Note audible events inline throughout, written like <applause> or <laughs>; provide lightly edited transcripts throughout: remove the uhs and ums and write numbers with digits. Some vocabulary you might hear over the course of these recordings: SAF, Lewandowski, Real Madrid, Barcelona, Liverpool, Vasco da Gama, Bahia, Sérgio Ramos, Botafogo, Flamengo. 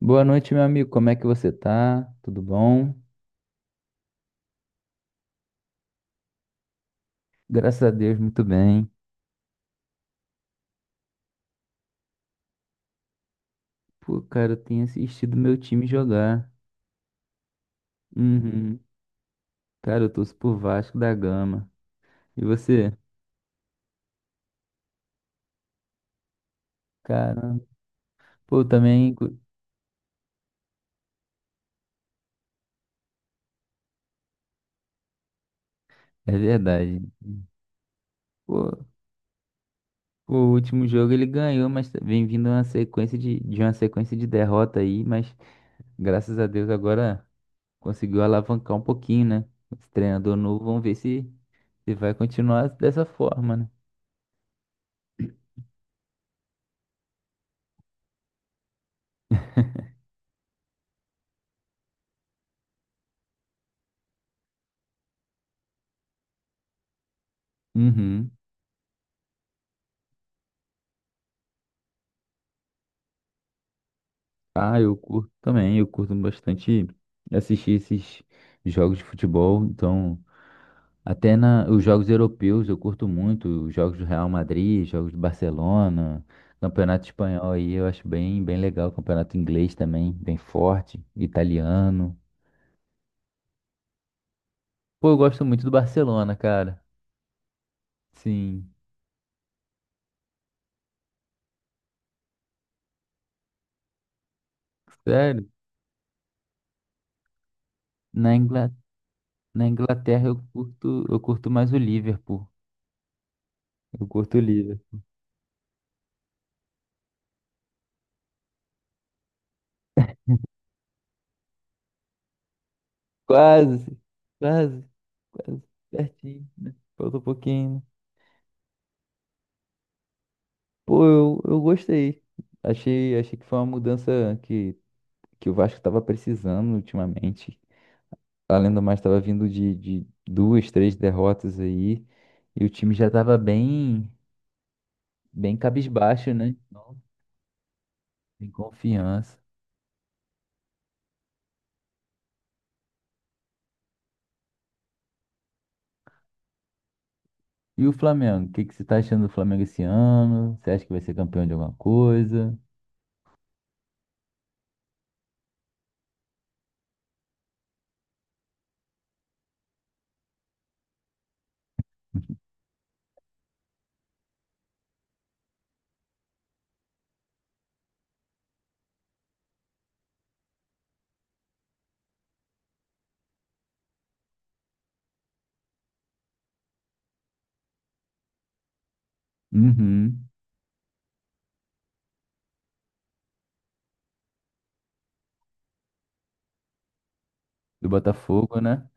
Boa noite, meu amigo. Como é que você tá? Tudo bom? Graças a Deus, muito bem. Pô, cara, eu tenho assistido meu time jogar. Uhum. Cara, eu torço por Vasco da Gama. E você? Caramba. Pô, eu também. Cu- É verdade. Pô, pô, o último jogo ele ganhou, mas vem vindo uma sequência de uma sequência de derrota aí, mas graças a Deus agora conseguiu alavancar um pouquinho, né? Esse treinador novo, vamos ver se vai continuar dessa forma, né? Uhum. Ah, eu curto também, eu curto bastante assistir esses jogos de futebol. Então, os jogos europeus eu curto muito, os jogos do Real Madrid, jogos do Barcelona, campeonato espanhol aí eu acho bem, bem legal, campeonato inglês também, bem forte, italiano. Pô, eu gosto muito do Barcelona, cara. Sim, sério. Na Ingla- Na Inglaterra eu curto mais o Liverpool. Eu curto o Liverpool. Quase, quase, quase, pertinho, né? Falta um pouquinho, né? Pô, eu gostei. Achei, achei que foi uma mudança que, que o Vasco estava precisando ultimamente. Além do mais, estava vindo de duas, três derrotas aí. E o time já estava bem, bem cabisbaixo, né? Não, sem confiança. E o Flamengo? Que você está achando do Flamengo esse ano? Você acha que vai ser campeão de alguma coisa? Uhum. Do Botafogo, né?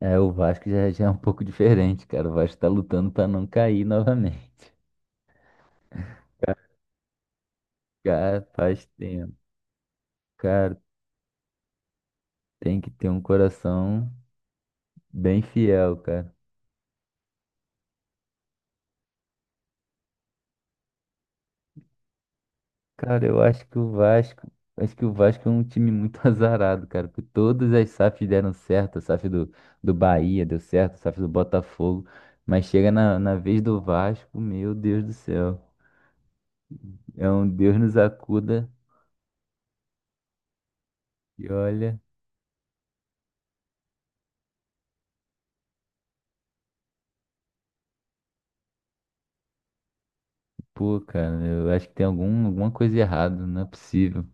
É, o Vasco já é um pouco diferente, cara. O Vasco tá lutando pra não cair novamente. <laughs> Cara, faz tempo. Cara, tem que ter um coração bem fiel, cara. Cara, eu acho que o Vasco, acho que o Vasco é um time muito <laughs> azarado, cara, porque todas as SAFs deram certo, a SAF do Bahia deu certo, a SAF do Botafogo, mas chega na vez do Vasco, meu Deus do céu. É um Deus nos acuda. E olha, pô, cara, eu acho que tem algum, alguma coisa errada, não é possível.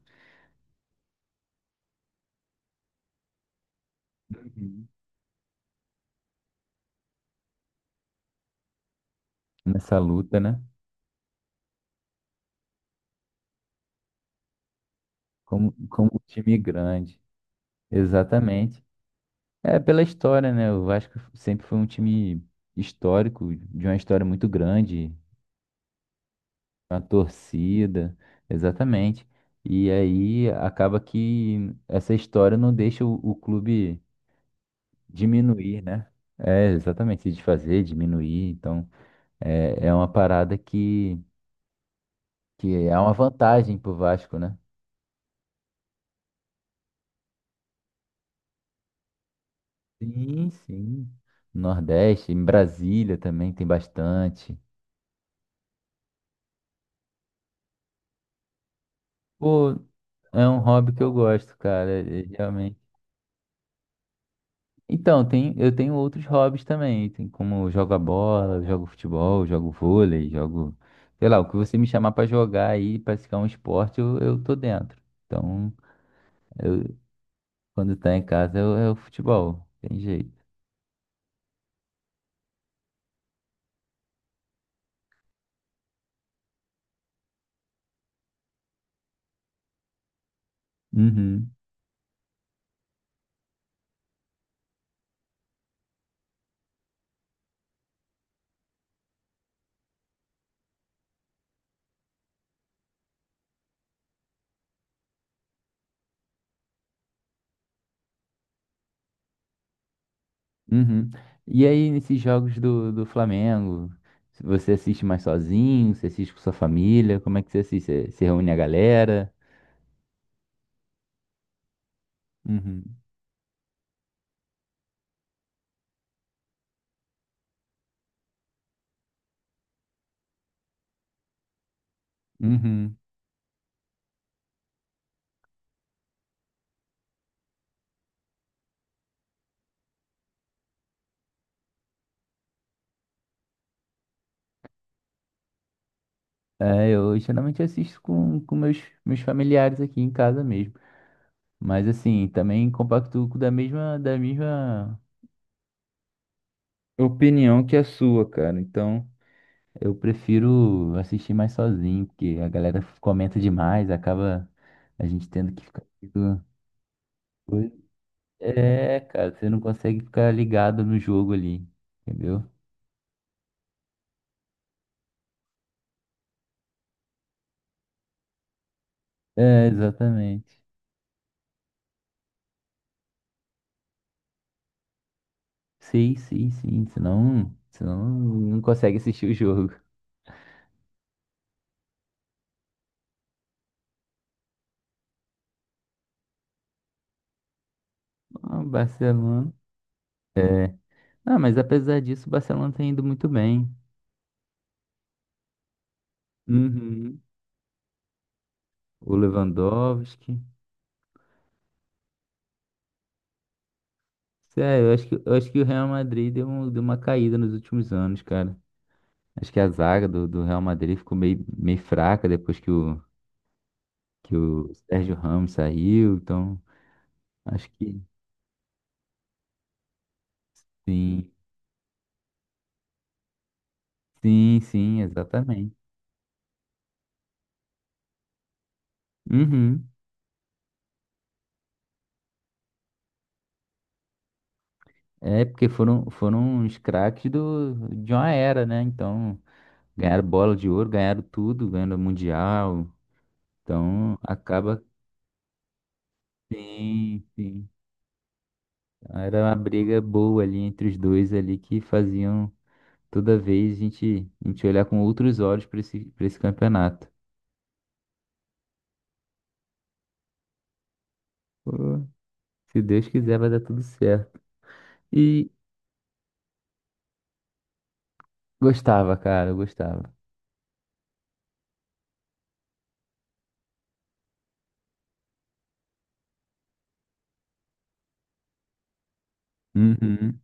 Uhum. Nessa luta, né? Como, como um time grande. Exatamente. É pela história, né? O Vasco sempre foi um time histórico, de uma história muito grande, uma torcida, exatamente. E aí acaba que essa história não deixa o clube diminuir, né? É, exatamente, se desfazer, diminuir. Então, é, é uma parada que é uma vantagem pro Vasco, né? Sim, sim. Nordeste, em Brasília também tem bastante. Pô, é um hobby que eu gosto, cara, é realmente. Então, tem, eu tenho outros hobbies também. Tem como eu jogo a bola, eu jogo futebol, eu jogo vôlei, jogo, sei lá, o que você me chamar pra jogar aí, praticar um esporte, eu tô dentro. Então, eu, quando tá em casa, é o futebol, tem jeito. Uhum. Uhum. E aí, nesses jogos do Flamengo, você assiste mais sozinho? Você assiste com sua família? Como é que você assiste? Você, você reúne a galera? Uhum. Uhum. É, eu geralmente assisto com meus, meus familiares aqui em casa mesmo. Mas assim, também compacto da mesma opinião que a sua, cara. Então, eu prefiro assistir mais sozinho, porque a galera comenta demais, acaba a gente tendo que ficar. É, cara, você não consegue ficar ligado no jogo ali, entendeu? É, exatamente. Sim, sim, sim. Senão, senão não consegue assistir o jogo. <laughs> Ah, Barcelona. É. Ah, mas apesar disso, o Barcelona tem indo muito bem. Uhum. O Lewandowski. Sério, eu acho que o Real Madrid deu, deu uma caída nos últimos anos, cara. Acho que a zaga do Real Madrid ficou meio, meio fraca depois que que o Sérgio Ramos saiu. Então, acho que sim. Sim, sim, exatamente. Uhum. É porque foram, foram os craques do, de uma era, né? Então, ganharam bola de ouro, ganharam tudo, ganharam o mundial. Então, acaba. Sim, sim. Era uma briga boa ali entre os dois ali que faziam toda vez a gente olhar com outros olhos para esse campeonato. Pô, se Deus quiser, vai dar tudo certo. E gostava, cara, eu gostava. Uhum.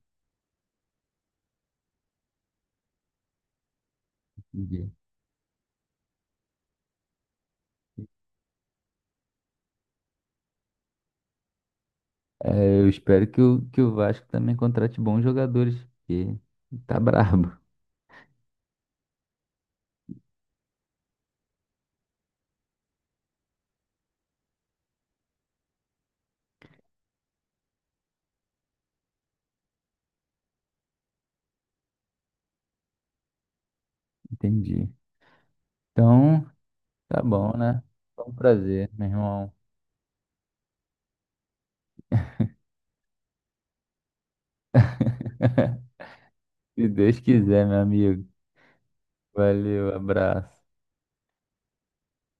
É, eu espero que que o Vasco também contrate bons jogadores, porque tá brabo. <laughs> Entendi. Então, tá bom, né? Foi um prazer, meu irmão. <laughs> Se Deus quiser, meu amigo. Valeu, abraço.